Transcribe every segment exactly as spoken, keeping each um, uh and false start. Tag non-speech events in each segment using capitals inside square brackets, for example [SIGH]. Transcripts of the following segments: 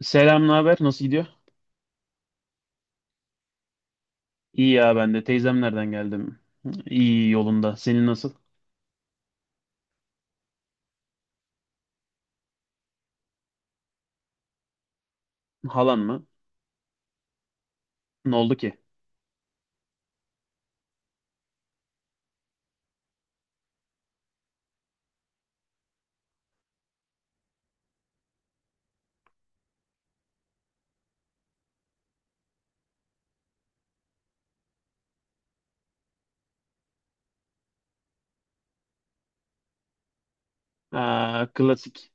Selam, ne haber? Nasıl gidiyor? İyi ya ben de. Teyzemlerden geldim. İyi yolunda. Senin nasıl? Halan mı? Ne oldu ki? Aa, klasik.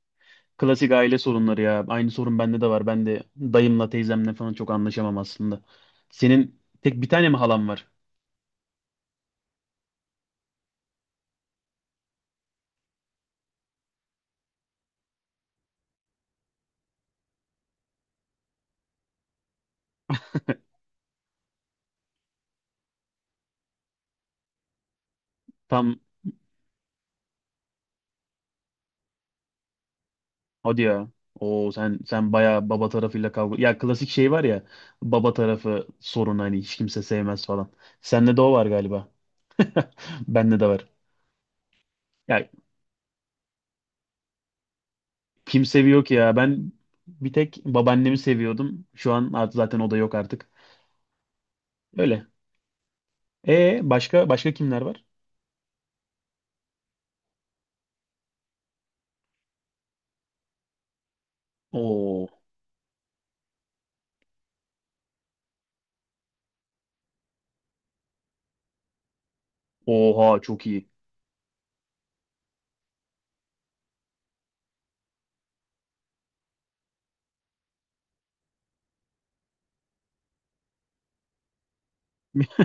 Klasik aile sorunları ya. Aynı sorun bende de var. Ben de dayımla teyzemle falan çok anlaşamam aslında. Senin tek bir tane mi halan var? Tam hadi ya. Oo sen sen bayağı baba tarafıyla kavga. Ya klasik şey var ya. Baba tarafı sorun hani hiç kimse sevmez falan. Sende de o var galiba. [LAUGHS] Bende de var. Ya kim seviyor ki ya? Ben bir tek babaannemi seviyordum. Şu an artık zaten o da yok artık. Öyle. E başka başka kimler var? Oo. Oha çok iyi. [LAUGHS]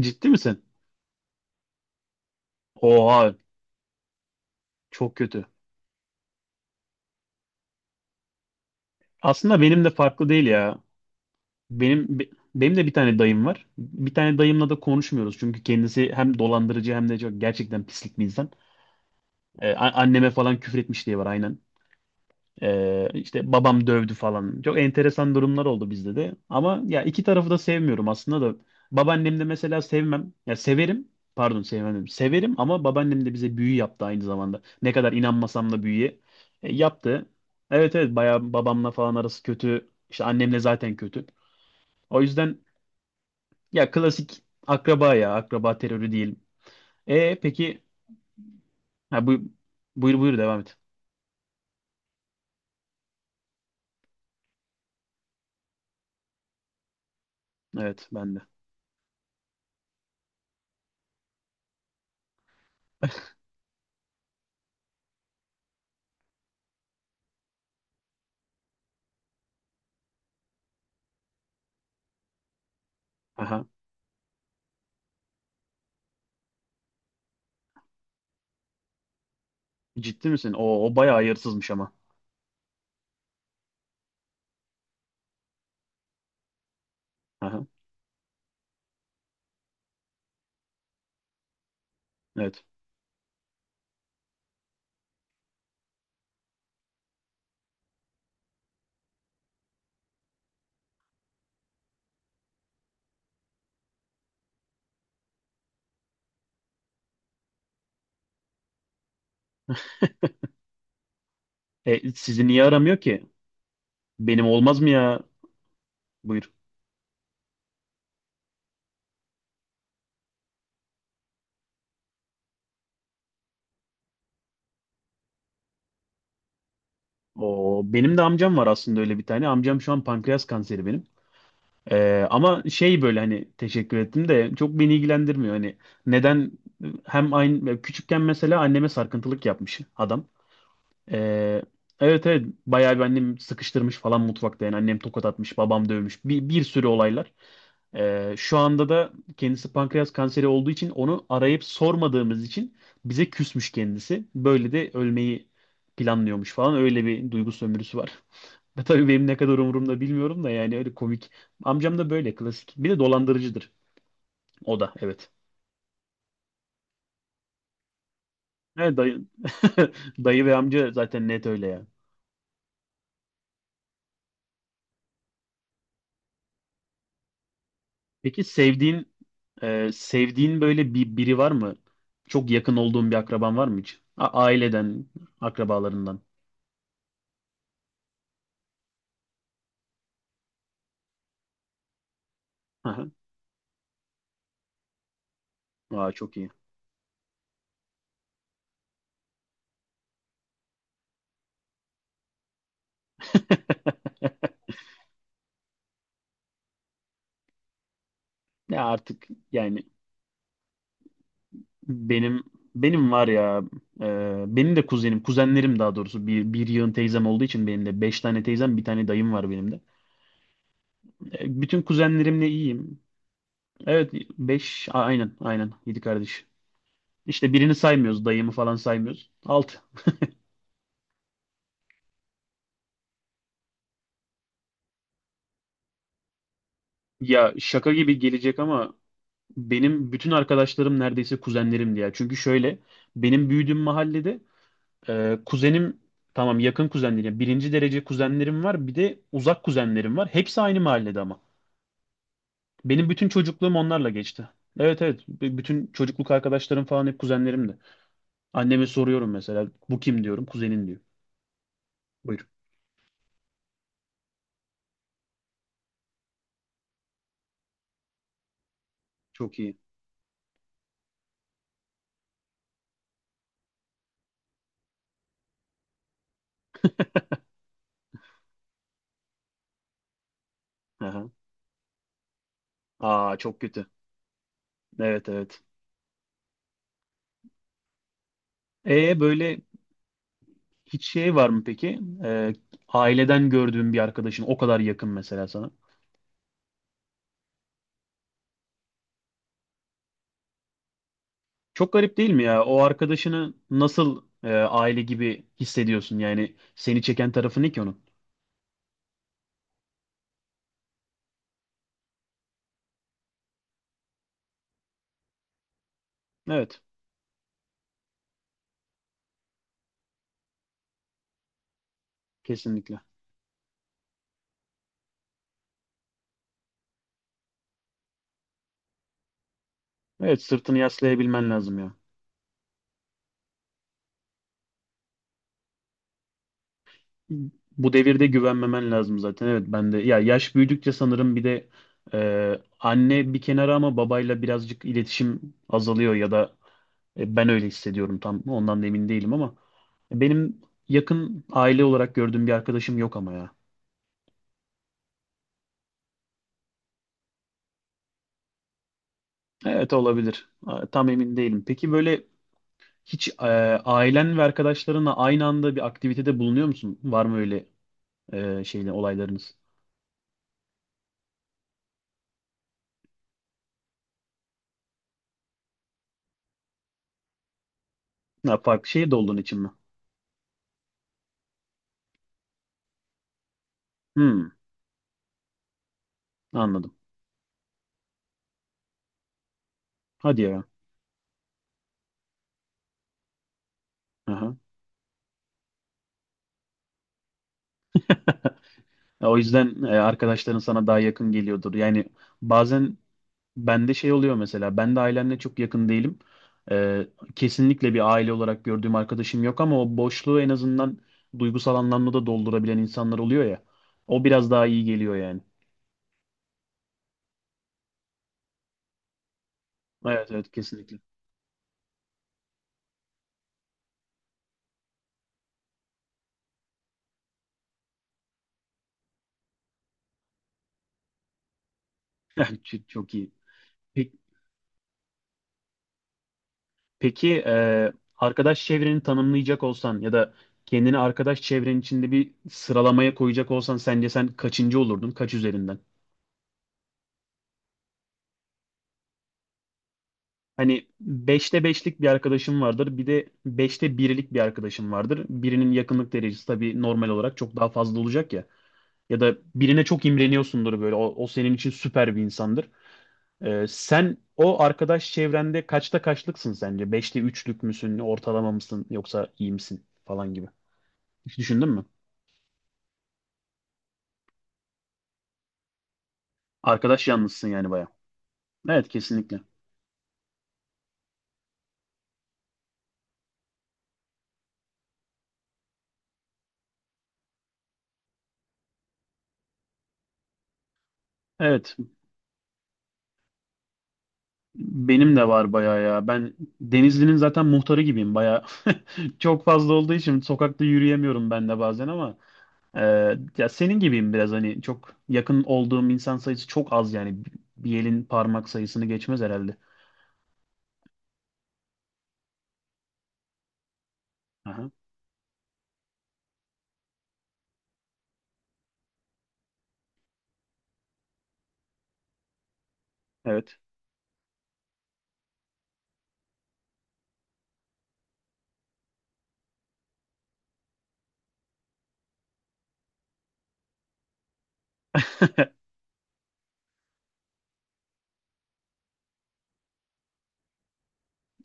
Ciddi misin? Oha çok kötü. Aslında benim de farklı değil ya. Benim be- benim de bir tane dayım var. Bir tane dayımla da konuşmuyoruz çünkü kendisi hem dolandırıcı hem de çok gerçekten pislik bir insan. Ee, a- anneme falan küfür etmiş diye var aynen. Ee, işte babam dövdü falan. Çok enteresan durumlar oldu bizde de. Ama ya iki tarafı da sevmiyorum aslında da. Babaannem de mesela sevmem. Ya severim. Pardon sevmem dedim. Severim ama babaannem de bize büyü yaptı aynı zamanda. Ne kadar inanmasam da büyüye E, yaptı. Evet evet bayağı babamla falan arası kötü. İşte annemle zaten kötü. O yüzden ya klasik akraba ya. Akraba terörü değil. E peki ha, bu, buyur buyur devam et. Evet ben de. Aha. Ciddi misin? O, o bayağı hayırsızmış ama. Aha. Evet. E, sizi niye aramıyor ki? Benim olmaz mı ya? Buyur. O benim de amcam var aslında öyle bir tane. Amcam şu an pankreas kanseri benim. E, ama şey böyle hani teşekkür ettim de çok beni ilgilendirmiyor. Hani neden hem aynı küçükken mesela anneme sarkıntılık yapmış adam. E, evet evet bayağı bir annem sıkıştırmış falan mutfakta yani annem tokat atmış babam dövmüş bir, bir sürü olaylar. Ee, şu anda da kendisi pankreas kanseri olduğu için onu arayıp sormadığımız için bize küsmüş kendisi. Böyle de ölmeyi planlıyormuş falan. Öyle bir duygu sömürüsü var. [LAUGHS] Ve tabii benim ne kadar umurumda bilmiyorum da yani öyle komik. Amcam da böyle klasik. Bir de dolandırıcıdır. O da evet. Evet dayı. [LAUGHS] Dayı ve amca zaten net öyle ya. Peki sevdiğin e, sevdiğin böyle bir biri var mı? Çok yakın olduğun bir akraban var mı hiç? A- aileden, akrabalarından. Aha. Aa, çok iyi. [LAUGHS] Ya artık yani benim benim var ya e, benim de kuzenim kuzenlerim daha doğrusu bir, bir yığın teyzem olduğu için benim de beş tane teyzem bir tane dayım var benim de. E, bütün kuzenlerimle iyiyim. Evet beş aynen aynen yedi kardeş. İşte birini saymıyoruz dayımı falan saymıyoruz. altı. Ya şaka gibi gelecek ama benim bütün arkadaşlarım neredeyse kuzenlerim diye. Çünkü şöyle benim büyüdüğüm mahallede Ee, kuzenim tamam yakın kuzenlerim. Yani birinci derece kuzenlerim var. Bir de uzak kuzenlerim var. Hepsi aynı mahallede ama. Benim bütün çocukluğum onlarla geçti. Evet evet. B- Bütün çocukluk arkadaşlarım falan hep kuzenlerimdi. Anneme soruyorum mesela. Bu kim diyorum. Kuzenin diyor. Buyur. Çok iyi. Aha. Aa çok kötü. Evet evet. E böyle hiç şey var mı peki? Ee, aileden gördüğün bir arkadaşın o kadar yakın mesela sana. Çok garip değil mi ya? O arkadaşını nasıl e, aile gibi hissediyorsun? Yani seni çeken tarafı ne ki onun? Evet, kesinlikle. Evet, sırtını yaslayabilmen lazım ya. Bu devirde güvenmemen lazım zaten. Evet, ben de ya yaş büyüdükçe sanırım bir de e, anne bir kenara ama babayla birazcık iletişim azalıyor ya da e, ben öyle hissediyorum tam ondan da emin değilim ama benim yakın aile olarak gördüğüm bir arkadaşım yok ama ya. Evet olabilir. Aa, tam emin değilim. Peki böyle hiç e, ailen ve arkadaşlarınla aynı anda bir aktivitede bulunuyor musun? Var mı öyle e, şeyle olaylarınız? Ya farklı şehirde olduğun için mi? Hmm, anladım. Hadi ya. Aha. Ya o yüzden e, arkadaşların sana daha yakın geliyordur. Yani bazen bende şey oluyor mesela. Ben de ailemle çok yakın değilim. E, Kesinlikle bir aile olarak gördüğüm arkadaşım yok ama o boşluğu en azından duygusal anlamda da doldurabilen insanlar oluyor ya. O biraz daha iyi geliyor yani. Evet evet kesinlikle. [LAUGHS] Çok çok iyi. Peki e, arkadaş çevreni tanımlayacak olsan ya da kendini arkadaş çevrenin içinde bir sıralamaya koyacak olsan sence sen kaçıncı olurdun? Kaç üzerinden? Hani beşte beşlik bir arkadaşım vardır. Bir de beşte birlik bir arkadaşım vardır. Birinin yakınlık derecesi tabii normal olarak çok daha fazla olacak ya. Ya da birine çok imreniyorsundur böyle. O, o senin için süper bir insandır. E, sen o arkadaş çevrende kaçta kaçlıksın sence? Beşte üçlük müsün? Ortalama mısın? Yoksa iyi misin? Falan gibi. Hiç düşündün mü? Arkadaş yalnızsın yani baya. Evet kesinlikle. Evet benim de var baya ya. Ben Denizli'nin zaten muhtarı gibiyim baya. [LAUGHS] Çok fazla olduğu için sokakta yürüyemiyorum ben de bazen ama e, ya senin gibiyim biraz hani çok yakın olduğum insan sayısı çok az yani. Bir elin parmak sayısını geçmez herhalde. Aha, evet. [LAUGHS]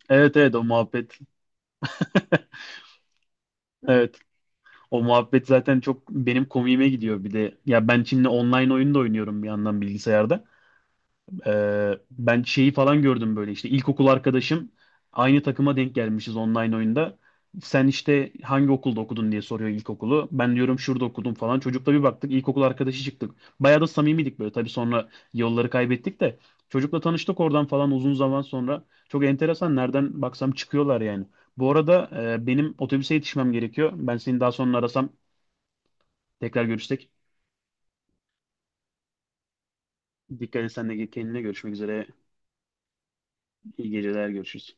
Evet evet o muhabbet. [LAUGHS] Evet. O muhabbet zaten çok benim komiğime gidiyor bir de. Ya ben şimdi online oyun da oynuyorum bir yandan bilgisayarda. Ee, ben şeyi falan gördüm böyle işte ilkokul arkadaşım aynı takıma denk gelmişiz online oyunda. Sen işte hangi okulda okudun diye soruyor ilkokulu. Ben diyorum şurada okudum falan. Çocukla bir baktık ilkokul arkadaşı çıktık. Bayağı da samimiydik böyle. Tabii sonra yolları kaybettik de çocukla tanıştık oradan falan uzun zaman sonra. Çok enteresan nereden baksam çıkıyorlar yani. Bu arada e, benim otobüse yetişmem gerekiyor. Ben seni daha sonra arasam tekrar görüşsek. Dikkat et sen de kendine görüşmek üzere. İyi geceler görüşürüz.